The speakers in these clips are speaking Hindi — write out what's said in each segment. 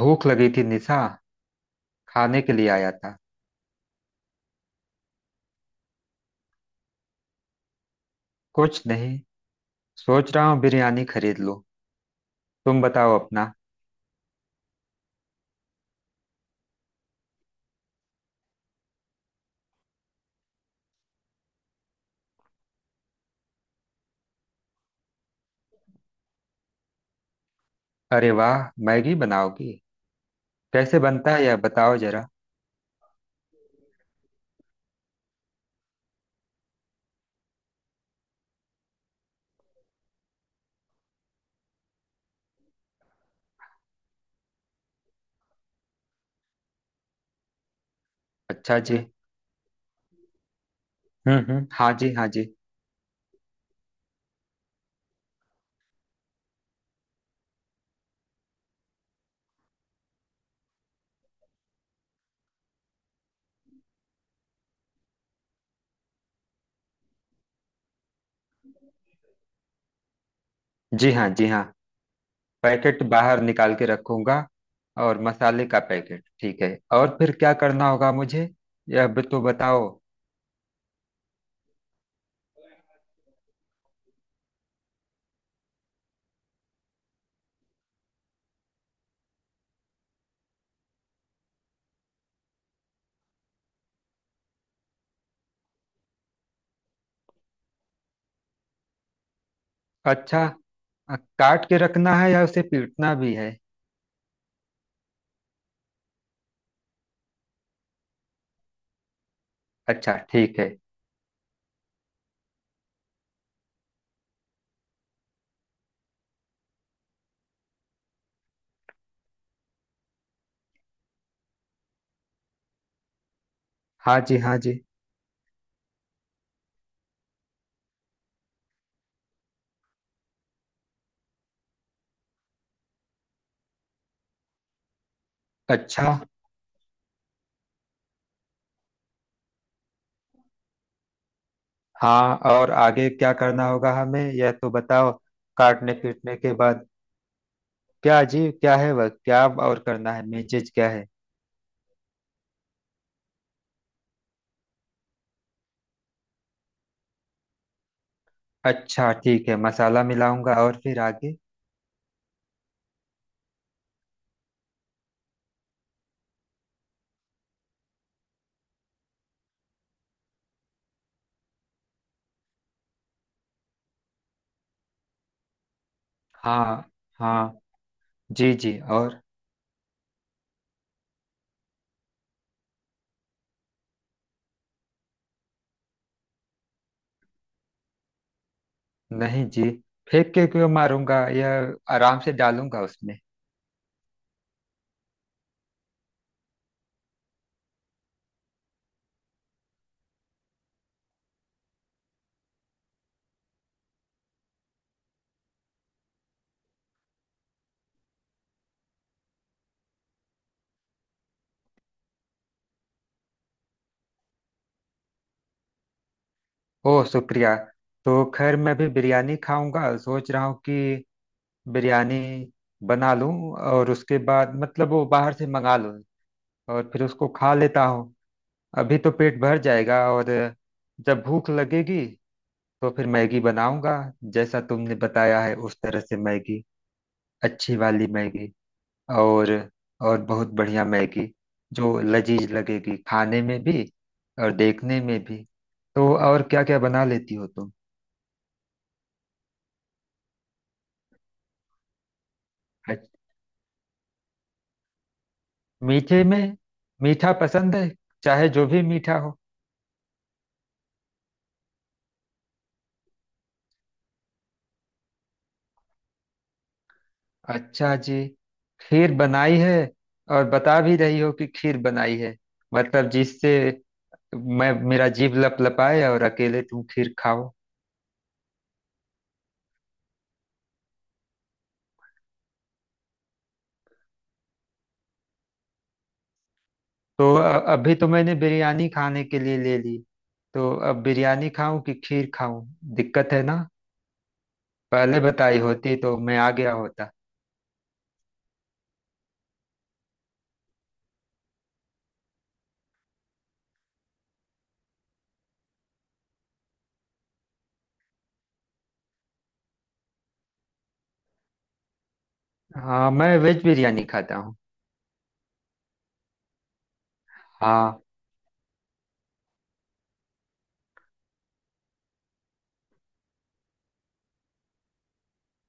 भूख लगी थी निशा। खाने के लिए आया था। कुछ नहीं, सोच रहा हूँ बिरयानी खरीद लूँ। तुम बताओ अपना। अरे वाह, मैगी बनाओगी? कैसे बनता है यह बताओ जरा। अच्छा जी। हम्म, हाँ जी हाँ जी। जी हाँ जी हाँ। पैकेट बाहर निकाल के रखूंगा। और मसाले का पैकेट ठीक है। और फिर क्या करना होगा मुझे, यह भी तो बताओ। अच्छा। काट के रखना है या उसे पीटना भी है? अच्छा ठीक है। हाँ जी हाँ जी। अच्छा। हाँ, और आगे क्या करना होगा हमें, यह तो बताओ। काटने पीटने के बाद क्या जी, क्या है वह? क्या और करना है, मेन चीज क्या है? अच्छा ठीक है, मसाला मिलाऊंगा और फिर आगे? हाँ हाँ जी जी, और? नहीं जी, फेंक के क्यों मारूंगा? यह आराम से डालूंगा उसमें। ओह शुक्रिया। तो खैर मैं भी बिरयानी खाऊंगा, सोच रहा हूँ कि बिरयानी बना लूं। और उसके बाद मतलब वो बाहर से मंगा लूं, और फिर उसको खा लेता हूँ। अभी तो पेट भर जाएगा, और जब भूख लगेगी तो फिर मैगी बनाऊंगा, जैसा तुमने बताया है उस तरह से। मैगी, अच्छी वाली मैगी, और और बहुत बढ़िया मैगी, जो लजीज लगेगी खाने में भी और देखने में भी। तो और क्या क्या बना लेती हो तुम? अच्छ- मीठे में मीठा पसंद है, चाहे जो भी मीठा हो। अच्छा जी, खीर बनाई है। और बता भी रही हो कि खीर बनाई है, मतलब जिससे मैं, मेरा जीभ लपलपाए और अकेले तुम खीर खाओ। तो अभी तो मैंने बिरयानी खाने के लिए ले ली, तो अब बिरयानी खाऊं कि खीर खाऊं, दिक्कत है ना। पहले बताई होती तो मैं आ गया होता। हाँ, मैं वेज बिरयानी खाता हूँ। हाँ,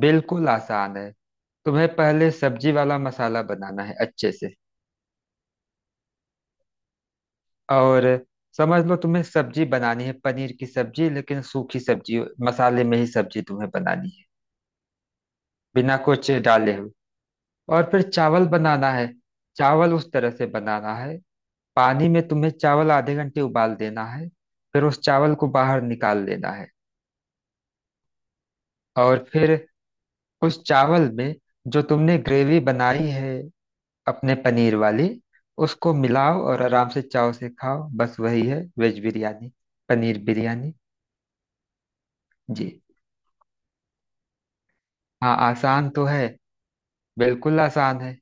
बिल्कुल आसान है। तुम्हें पहले सब्जी वाला मसाला बनाना है अच्छे से। और समझ लो, तुम्हें सब्जी बनानी है, पनीर की सब्जी, लेकिन सूखी सब्जी। मसाले में ही सब्जी तुम्हें बनानी है, बिना कुछ डाले हुए। और फिर चावल बनाना है। चावल उस तरह से बनाना है, पानी में तुम्हें चावल आधे घंटे उबाल देना है। फिर उस चावल को बाहर निकाल लेना है। और फिर उस चावल में जो तुमने ग्रेवी बनाई है अपने पनीर वाली, उसको मिलाओ और आराम से चाव से खाओ। बस वही है वेज बिरयानी, पनीर बिरयानी। जी। हाँ आसान तो है, बिल्कुल आसान है।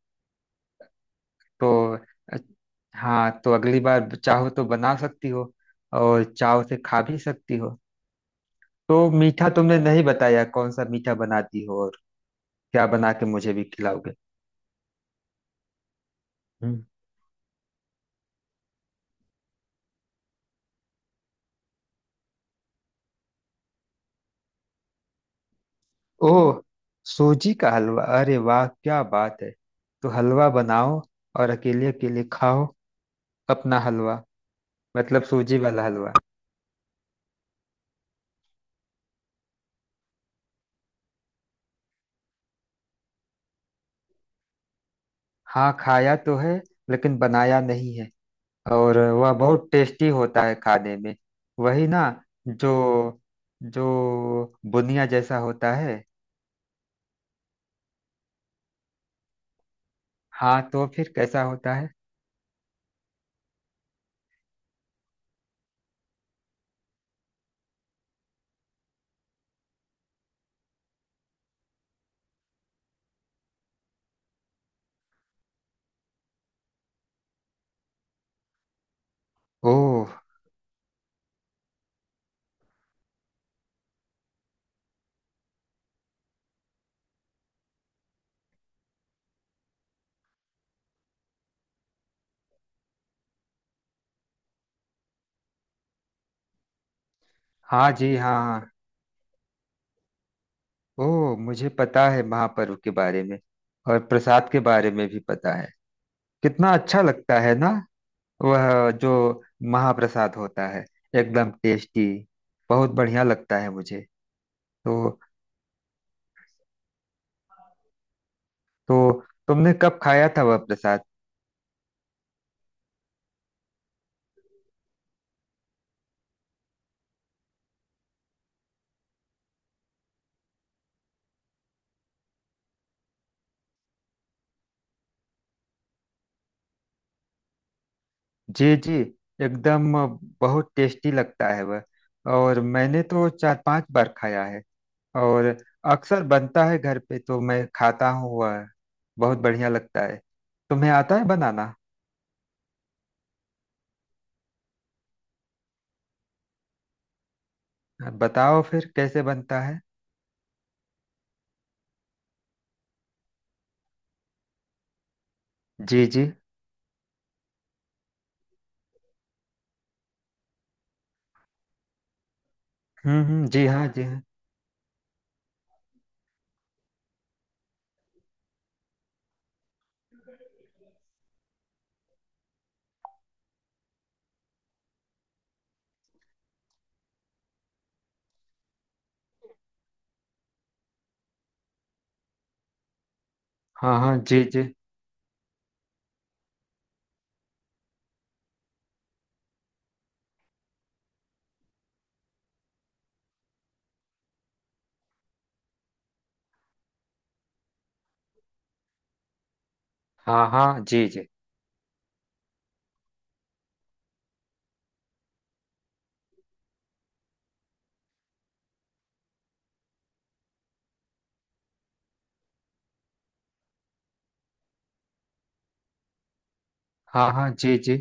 तो अ- हाँ, तो अगली बार चाहो तो बना सकती हो और चाव से खा भी सकती हो। तो मीठा तुमने नहीं बताया, कौन सा मीठा बनाती हो और क्या बना के मुझे भी खिलाओगे? हम्म। ओह, सूजी का हलवा, अरे वाह क्या बात है। तो हलवा बनाओ और अकेले अकेले खाओ अपना हलवा, मतलब सूजी वाला हलवा। हाँ खाया तो है, लेकिन बनाया नहीं है। और वह बहुत टेस्टी होता है खाने में। वही ना, जो जो बुनिया जैसा होता है। हाँ, तो फिर कैसा होता है? ओह। हाँ जी, हाँ हाँ। ओह मुझे पता है महापर्व के बारे में, और प्रसाद के बारे में भी पता है। कितना अच्छा लगता है ना, वह जो महाप्रसाद होता है, एकदम टेस्टी, बहुत बढ़िया लगता है मुझे। तो तो तुमने कब खाया था वह प्रसाद? जी जी, एकदम बहुत टेस्टी लगता है वह। और मैंने तो 4-5 बार खाया है, और अक्सर बनता है घर पे, तो मैं खाता हूँ वह। बहुत बढ़िया लगता है। तुम्हें आता है बनाना? अब बताओ फिर कैसे बनता है। जी जी। हम्म, जी हाँ जी हाँ। हाँ हाँ जी जी। हाँ हाँ जी जी। हाँ हाँ जी जी।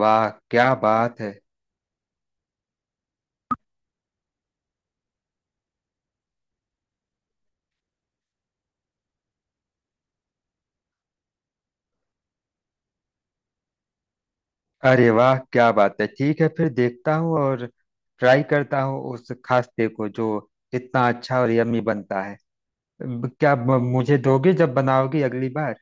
वाह क्या बात है। अरे वाह क्या बात है, ठीक है फिर देखता हूँ और ट्राई करता हूँ उस खास्ते को, जो इतना अच्छा और यम्मी बनता है। क्या मुझे दोगे जब बनाओगी अगली बार?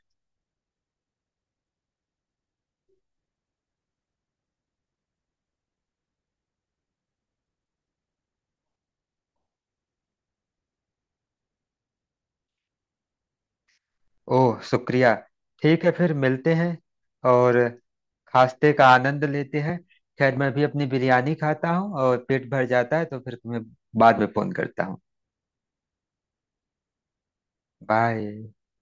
ओह शुक्रिया। ठीक है फिर मिलते हैं और खास्ते का आनंद लेते हैं। खैर मैं भी अपनी बिरयानी खाता हूँ, और पेट भर जाता है, तो फिर तुम्हें बाद में फोन करता हूँ। बाय।